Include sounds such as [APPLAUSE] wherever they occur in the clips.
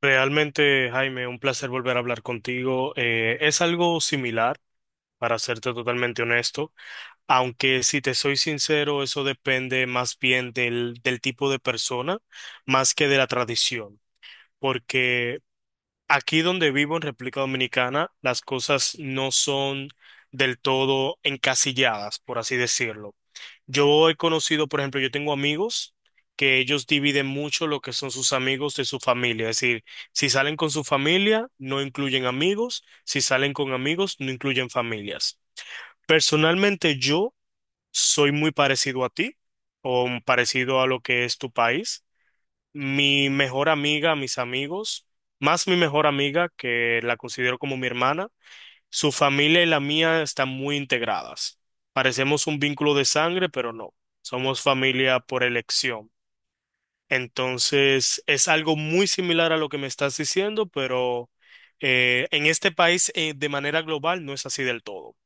Realmente, Jaime, un placer volver a hablar contigo. Es algo similar, para serte totalmente honesto, aunque si te soy sincero, eso depende más bien del tipo de persona, más que de la tradición, porque aquí donde vivo en República Dominicana, las cosas no son del todo encasilladas, por así decirlo. Yo he conocido, por ejemplo, yo tengo amigos que ellos dividen mucho lo que son sus amigos de su familia. Es decir, si salen con su familia, no incluyen amigos. Si salen con amigos, no incluyen familias. Personalmente, yo soy muy parecido a ti o parecido a lo que es tu país. Mi mejor amiga, mis amigos, más mi mejor amiga, que la considero como mi hermana, su familia y la mía están muy integradas. Parecemos un vínculo de sangre, pero no, somos familia por elección. Entonces, es algo muy similar a lo que me estás diciendo, pero en este país, de manera global, no es así del todo.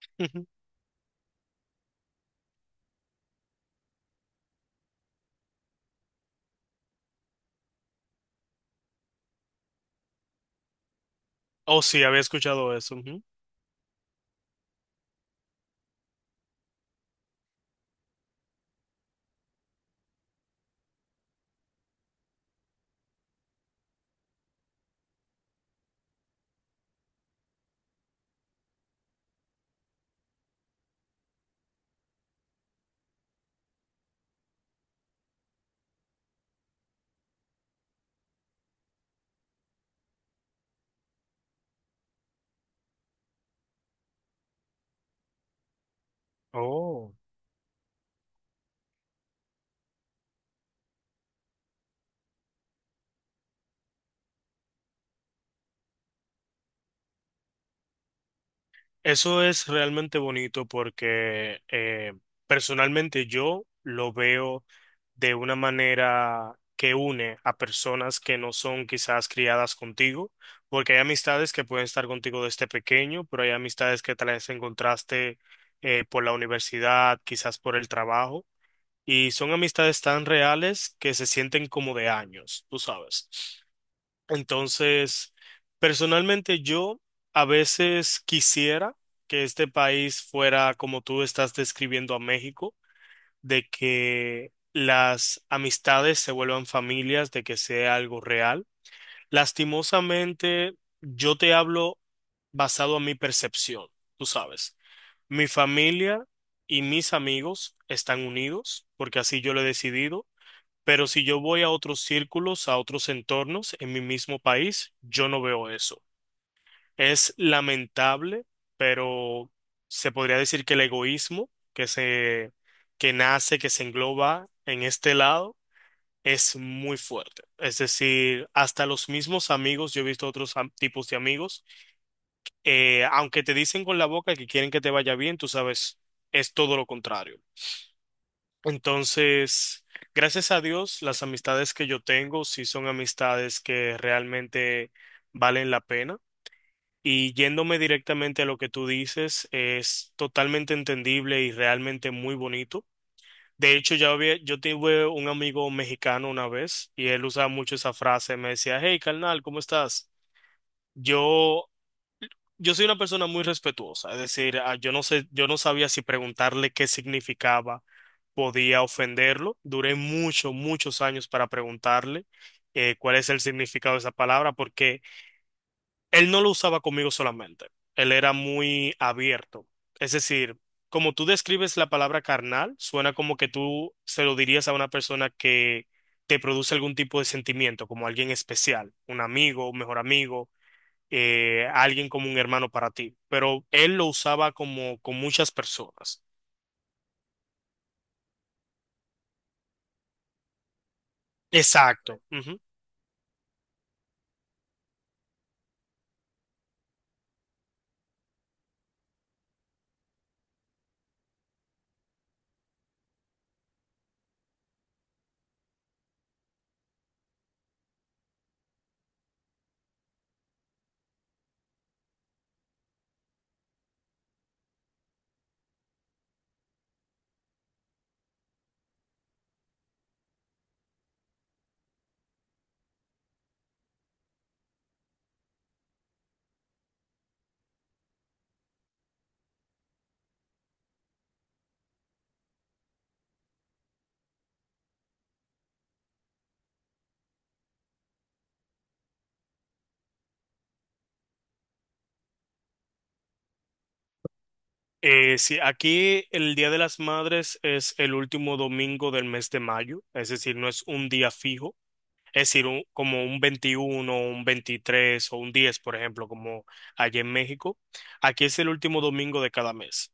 [LAUGHS] Ujú. Oh, sí, había escuchado eso. Ujú. Oh. Eso es realmente bonito porque personalmente yo lo veo de una manera que une a personas que no son quizás criadas contigo, porque hay amistades que pueden estar contigo desde pequeño, pero hay amistades que tal vez encontraste por la universidad, quizás por el trabajo, y son amistades tan reales que se sienten como de años, tú sabes. Entonces, personalmente yo a veces quisiera que este país fuera como tú estás describiendo a México, de que las amistades se vuelvan familias, de que sea algo real. Lastimosamente, yo te hablo basado a mi percepción, tú sabes. Mi familia y mis amigos están unidos, porque así yo lo he decidido. Pero si yo voy a otros círculos, a otros entornos en mi mismo país, yo no veo eso. Es lamentable, pero se podría decir que el egoísmo que nace, que se engloba en este lado, es muy fuerte. Es decir, hasta los mismos amigos, yo he visto otros tipos de amigos, aunque te dicen con la boca que quieren que te vaya bien, tú sabes, es todo lo contrario. Entonces, gracias a Dios, las amistades que yo tengo sí son amistades que realmente valen la pena. Y yéndome directamente a lo que tú dices, es totalmente entendible y realmente muy bonito. De hecho, ya había, yo tuve un amigo mexicano una vez y él usaba mucho esa frase, me decía, hey, carnal, ¿cómo estás? Yo yo soy una persona muy respetuosa, es decir, ah, yo no sé, yo no sabía si preguntarle qué significaba, podía ofenderlo. Duré muchos, muchos años para preguntarle cuál es el significado de esa palabra, porque él no lo usaba conmigo solamente, él era muy abierto. Es decir, como tú describes la palabra carnal, suena como que tú se lo dirías a una persona que te produce algún tipo de sentimiento, como alguien especial, un amigo, un mejor amigo, a alguien como un hermano para ti, pero él lo usaba como con muchas personas. Exacto. Ujú. Sí, aquí el Día de las Madres es el último domingo del mes de mayo, es decir, no es un día fijo, es decir, como un 21, un 23 o un 10, por ejemplo, como allá en México. Aquí es el último domingo de cada mes.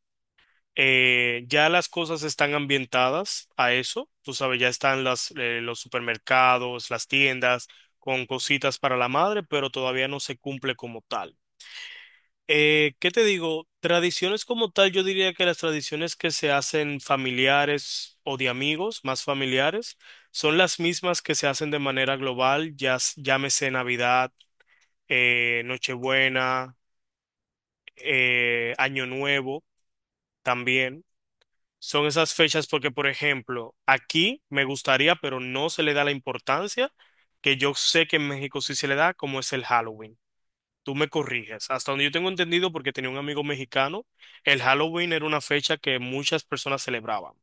Ya las cosas están ambientadas a eso, tú sabes, ya están las, los supermercados, las tiendas con cositas para la madre, pero todavía no se cumple como tal. ¿Qué te digo? Tradiciones como tal, yo diría que las tradiciones que se hacen familiares o de amigos, más familiares, son las mismas que se hacen de manera global, ya llámese Navidad, Nochebuena, Año Nuevo también. Son esas fechas porque, por ejemplo, aquí me gustaría, pero no se le da la importancia que yo sé que en México sí se le da, como es el Halloween. Tú me corriges. Hasta donde yo tengo entendido, porque tenía un amigo mexicano, el Halloween era una fecha que muchas personas celebraban.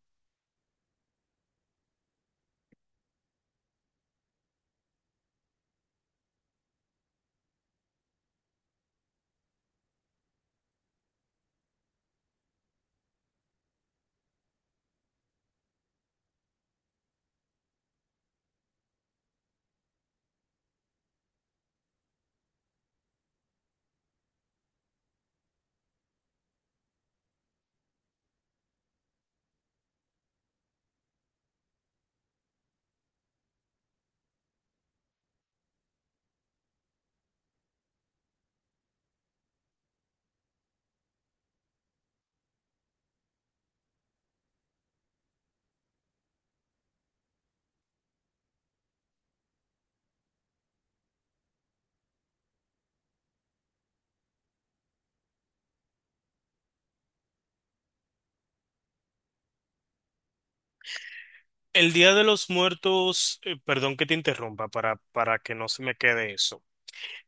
El Día de los Muertos, perdón que te interrumpa para que no se me quede eso.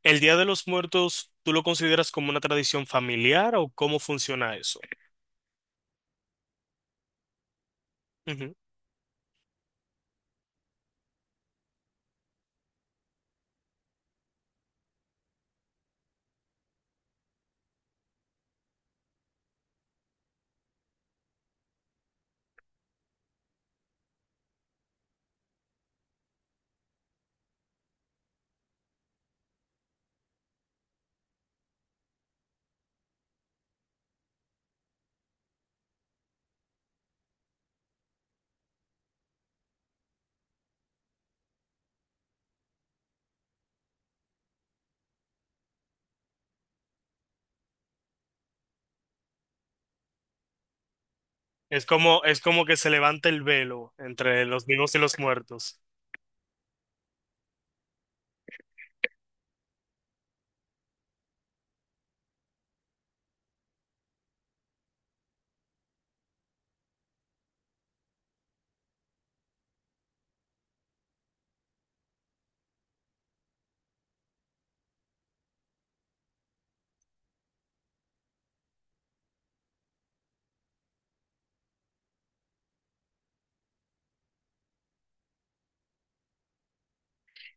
¿El Día de los Muertos, tú lo consideras como una tradición familiar o cómo funciona eso? Ujú. Es como que se levanta el velo entre los vivos y los muertos.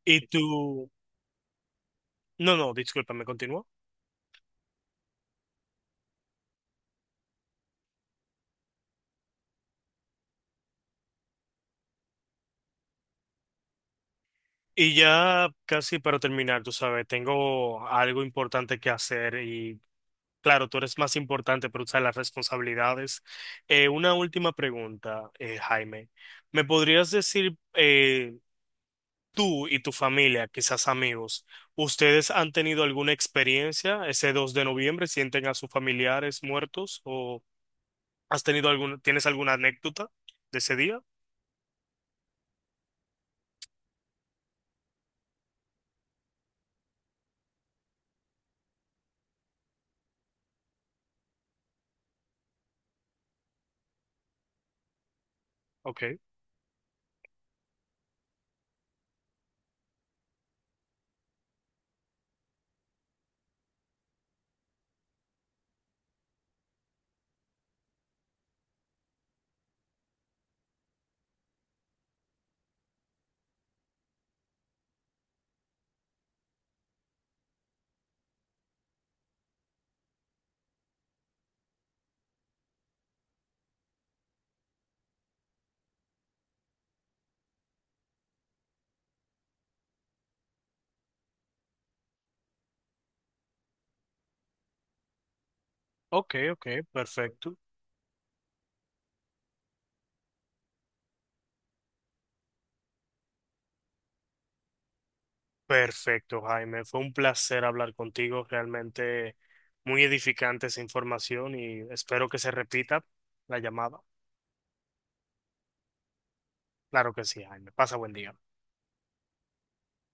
Y tú, no, no, discúlpame, continúa. Y ya casi para terminar, tú sabes, tengo algo importante que hacer y claro, tú eres más importante para usar las responsabilidades. Una última pregunta, Jaime. ¿Me podrías decir, tú y tu familia, quizás amigos, ustedes han tenido alguna experiencia ese 2 de noviembre? ¿Sienten a sus familiares muertos? ¿O has tenido alguna, tienes alguna anécdota de ese día? Ok, ok, ok, perfecto. Perfecto, Jaime. Fue un placer hablar contigo. Realmente muy edificante esa información y espero que se repita la llamada. Claro que sí, Jaime. Pasa buen día.